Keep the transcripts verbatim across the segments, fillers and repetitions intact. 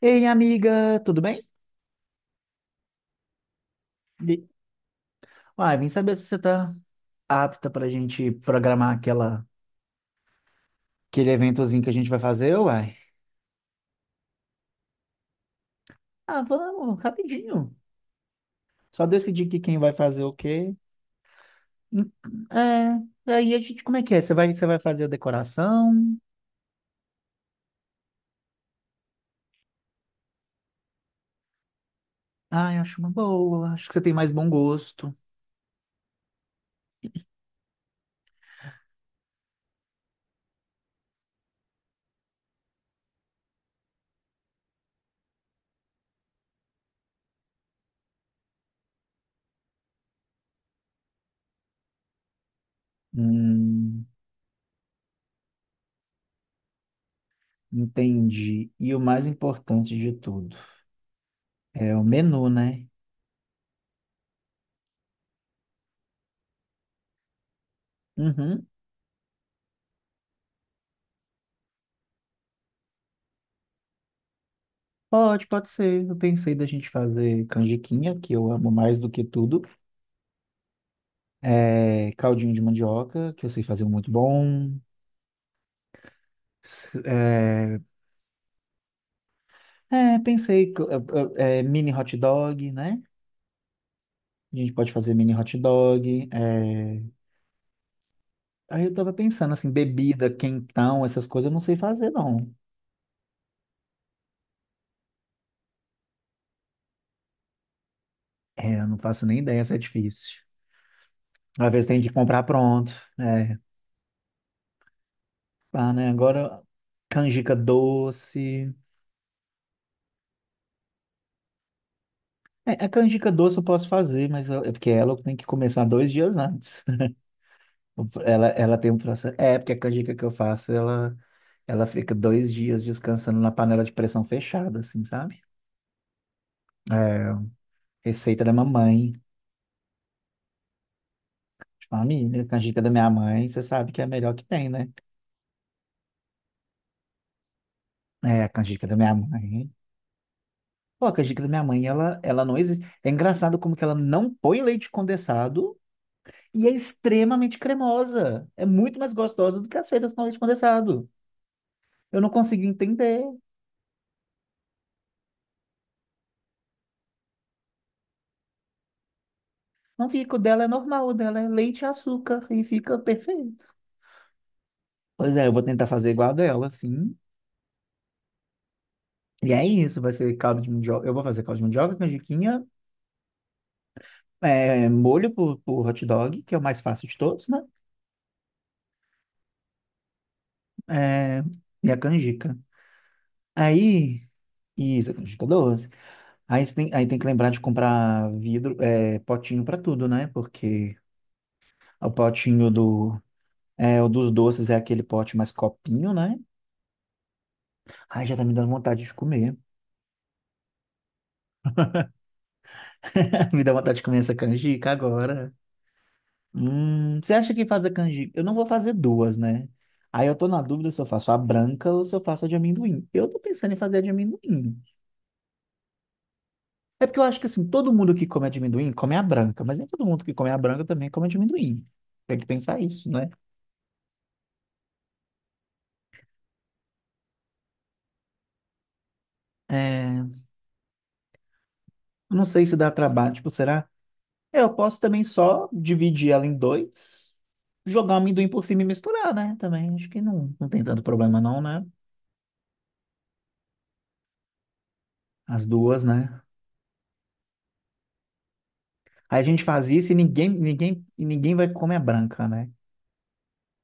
Ei, amiga, tudo bem? E- Uai, vim saber se você tá apta pra gente programar aquela, aquele eventozinho que a gente vai fazer, uai. Ah, vamos, rapidinho. Só decidir que quem vai fazer o quê. Hum, É, aí a gente, como é que é? Você vai, você vai fazer a decoração? Ai, acho uma boa, acho que você tem mais bom gosto. Hum, Entendi. E o mais importante de tudo é o menu, né? Uhum. Pode, pode ser. Eu pensei da gente fazer canjiquinha, que eu amo mais do que tudo. É, caldinho de mandioca, que eu sei fazer um muito bom. S- É, é, pensei, co- é, é, mini hot dog, né? A gente pode fazer mini hot dog. É. Aí eu tava pensando assim, bebida, quentão, essas coisas eu não sei fazer, não. É, eu não faço nem ideia se é difícil. Às vezes tem que comprar pronto. É, pá, né? Agora, canjica doce. É, a canjica doce eu posso fazer, mas eu- é porque ela eu tenho que começar dois dias antes. O Ela, ela tem um processo. É, porque a canjica que eu faço, ela, ela fica dois dias descansando na panela de pressão fechada, assim, sabe? É, receita da mamãe, de família, canjica da minha mãe, você sabe que é a melhor que tem, né? É, a canjica da minha mãe. Pô, a canjica da minha mãe, ela, ela não existe. É engraçado como que ela não põe leite condensado e é extremamente cremosa. É muito mais gostosa do que as feitas com leite condensado. Eu não consigo entender. Não fica, o dela é normal, o dela é leite e açúcar e fica perfeito. Pois é, eu vou tentar fazer igual a dela, assim. E é isso, vai ser caldo de mandioca. Eu vou fazer caldo de mandioca, canjiquinha, é, molho por, por hot dog, que é o mais fácil de todos, né? É, e a canjica. Aí, isso, a canjica doce. Aí, você tem, aí tem que lembrar de comprar vidro, é, potinho para tudo, né? Porque o potinho do, é, o dos doces é aquele pote mais copinho, né? Ai, já tá me dando vontade de comer. Me dá vontade de comer essa canjica agora. Hum, você acha que fazer canjica? Eu não vou fazer duas, né? Aí eu tô na dúvida se eu faço a branca ou se eu faço a de amendoim. Eu tô pensando em fazer a de amendoim. É porque eu acho que assim, todo mundo que come a de amendoim come a branca, mas nem todo mundo que come a branca também come a de amendoim. Tem que pensar isso, né? É, eu não sei se dá trabalho, tipo, será? É, eu posso também só dividir ela em dois, jogar o amendoim por cima e misturar, né? Também acho que não, não tem tanto problema não, né? As duas, né? Aí a gente faz isso e ninguém, ninguém, e ninguém vai comer a branca, né?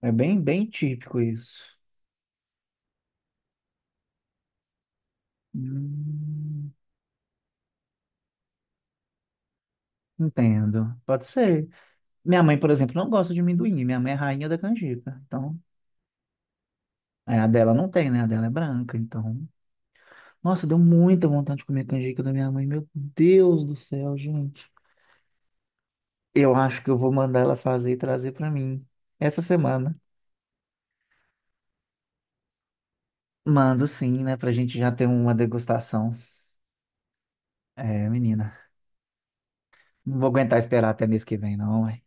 É bem, bem típico isso. Hum, Entendo. Pode ser. Minha mãe, por exemplo, não gosta de amendoim. Minha mãe é rainha da canjica. Então, é, a dela não tem, né? A dela é branca. Então, nossa, deu muita vontade de comer a canjica da minha mãe. Meu Deus do céu, gente. Eu acho que eu vou mandar ela fazer e trazer pra mim essa semana. Mando sim, né? Pra gente já ter uma degustação. É, menina. Não vou aguentar esperar até mês que vem, não, ué.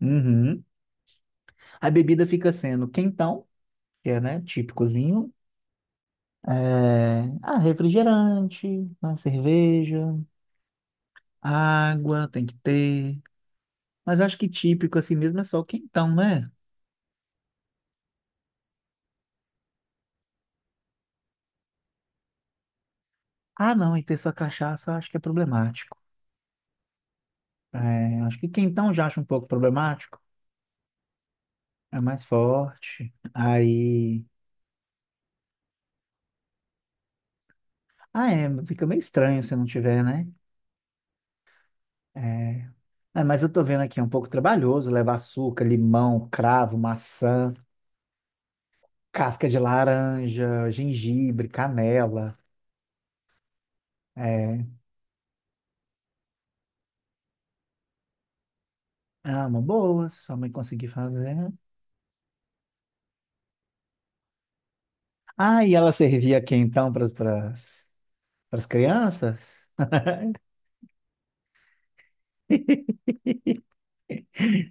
Uhum. A bebida fica sendo quentão, que é, né, típicozinho. É, ah, refrigerante, né, cerveja, água tem que ter. Mas acho que típico assim mesmo é só o quentão, né? Ah, não, e ter só cachaça eu acho que é problemático. É, acho que quentão já acho um pouco problemático. É mais forte. Aí. Ah, é, fica meio estranho se não tiver, né? É, é, mas eu tô vendo aqui, é um pouco trabalhoso levar açúcar, limão, cravo, maçã, casca de laranja, gengibre, canela. É, ah, uma boa, se sua mãe conseguir fazer. Ah, e ela servia aqui então para as crianças?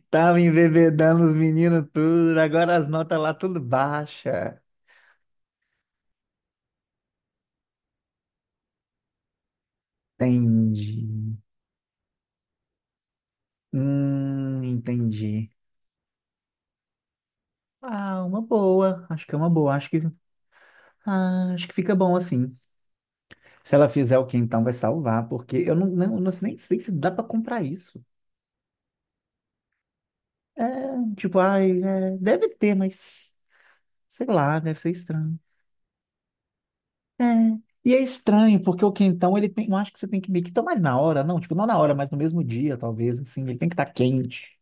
Tava embebedando os meninos tudo, agora as notas lá tudo baixa. Entendi. Hum, entendi. Ah, uma boa. Acho que é uma boa. Acho que, ah, acho que fica bom assim. Se ela fizer o quentão, vai salvar, porque eu não, não, não sei nem sei se dá para comprar isso. É, tipo, ai, é, deve ter, mas sei lá, deve ser estranho. É. E é estranho, porque o quentão, ele tem. Eu acho que você tem que meio que tomar ele na hora, não? Tipo, não na hora, mas no mesmo dia, talvez, assim. Ele tem que estar quente.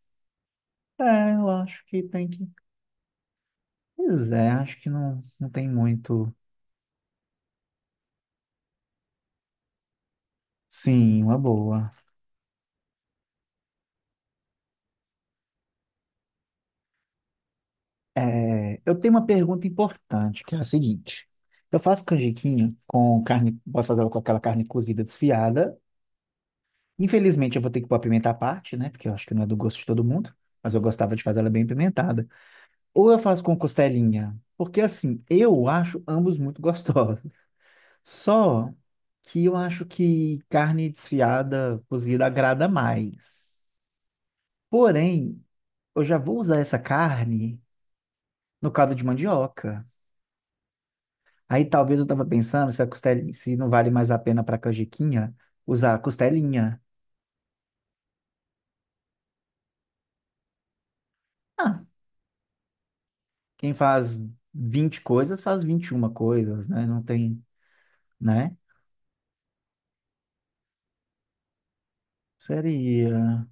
É, eu acho que tem que. Pois é, acho que não, não tem muito. Sim, uma boa. É, eu tenho uma pergunta importante, que é a seguinte. Eu faço canjiquinha com carne. Posso fazer ela com aquela carne cozida desfiada. Infelizmente, eu vou ter que pôr a pimenta à parte, né? Porque eu acho que não é do gosto de todo mundo. Mas eu gostava de fazer ela bem pimentada. Ou eu faço com costelinha? Porque assim, eu acho ambos muito gostosos. Só que eu acho que carne desfiada, cozida, agrada mais. Porém, eu já vou usar essa carne no caldo de mandioca. Aí talvez eu tava pensando se a costelinha, se não vale mais a pena para canjiquinha usar a costelinha. Ah, quem faz vinte coisas faz vinte e uma coisas, né? Não tem, né? Seria.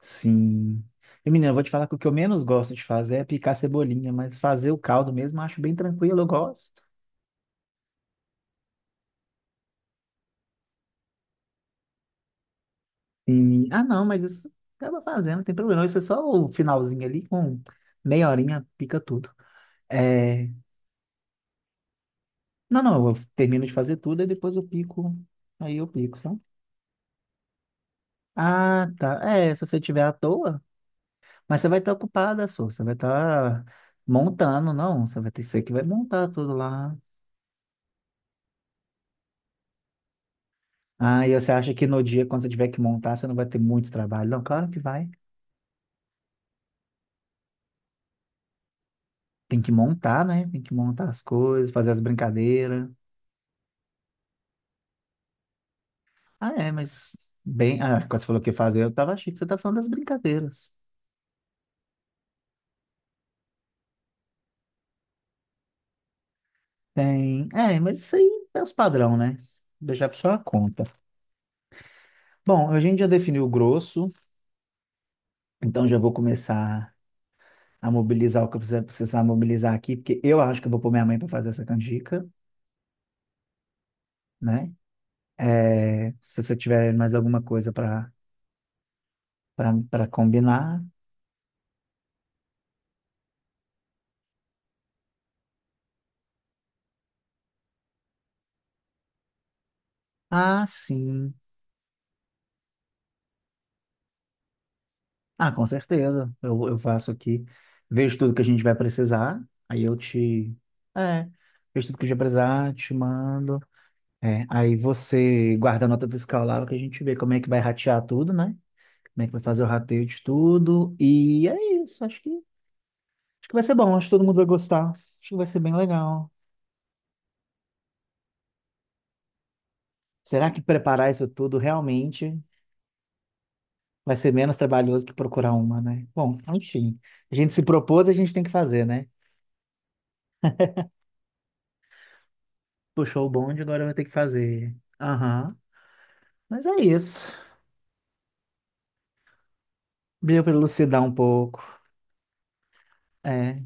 Sim. E, menina, eu vou te falar que o que eu menos gosto de fazer é picar cebolinha, mas fazer o caldo mesmo eu acho bem tranquilo, eu gosto. E, ah, não, mas isso acaba fazendo, não tem problema. Isso é só o finalzinho ali, com meia horinha, pica tudo. É. Não, não, eu termino de fazer tudo e depois eu pico. Aí eu pico, sabe? Ah, tá. É, se você tiver à toa, mas você vai estar ocupada, só. Você vai estar montando, não. Você vai ter você que vai montar tudo lá. Ah, e você acha que no dia, quando você tiver que montar, você não vai ter muito trabalho? Não, claro que vai. Tem que montar, né? Tem que montar as coisas, fazer as brincadeiras. Ah, é, mas bem. Ah, quando você falou que ia fazer, eu tava achando que você tá falando das brincadeiras. Tem. É, mas isso aí é os padrão, né? Deixar pra sua conta. Bom, a gente já definiu o grosso, então já vou começar a mobilizar o que eu precisar precisar mobilizar aqui, porque eu acho que eu vou pôr minha mãe para fazer essa canjica, né? É, se você tiver mais alguma coisa para para combinar. Ah, sim. Ah, com certeza. Eu, eu faço aqui. Vejo tudo que a gente vai precisar. Aí eu te. É. Vejo tudo que a gente vai precisar, te mando. É. Aí você guarda a nota fiscal lá, que a gente vê como é que vai ratear tudo, né? Como é que vai fazer o rateio de tudo. E é isso. Acho que, acho que vai ser bom. Acho que todo mundo vai gostar. Acho que vai ser bem legal. Será que preparar isso tudo realmente vai ser menos trabalhoso que procurar uma, né? Bom, enfim. A gente se propôs, a gente tem que fazer, né? Puxou o bonde, agora vai ter que fazer. Aham. Mas é isso. Deu para elucidar um pouco. É,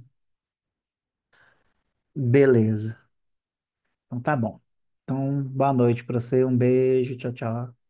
beleza. Então tá bom. Então, boa noite para você. Um beijo. Tchau, tchau.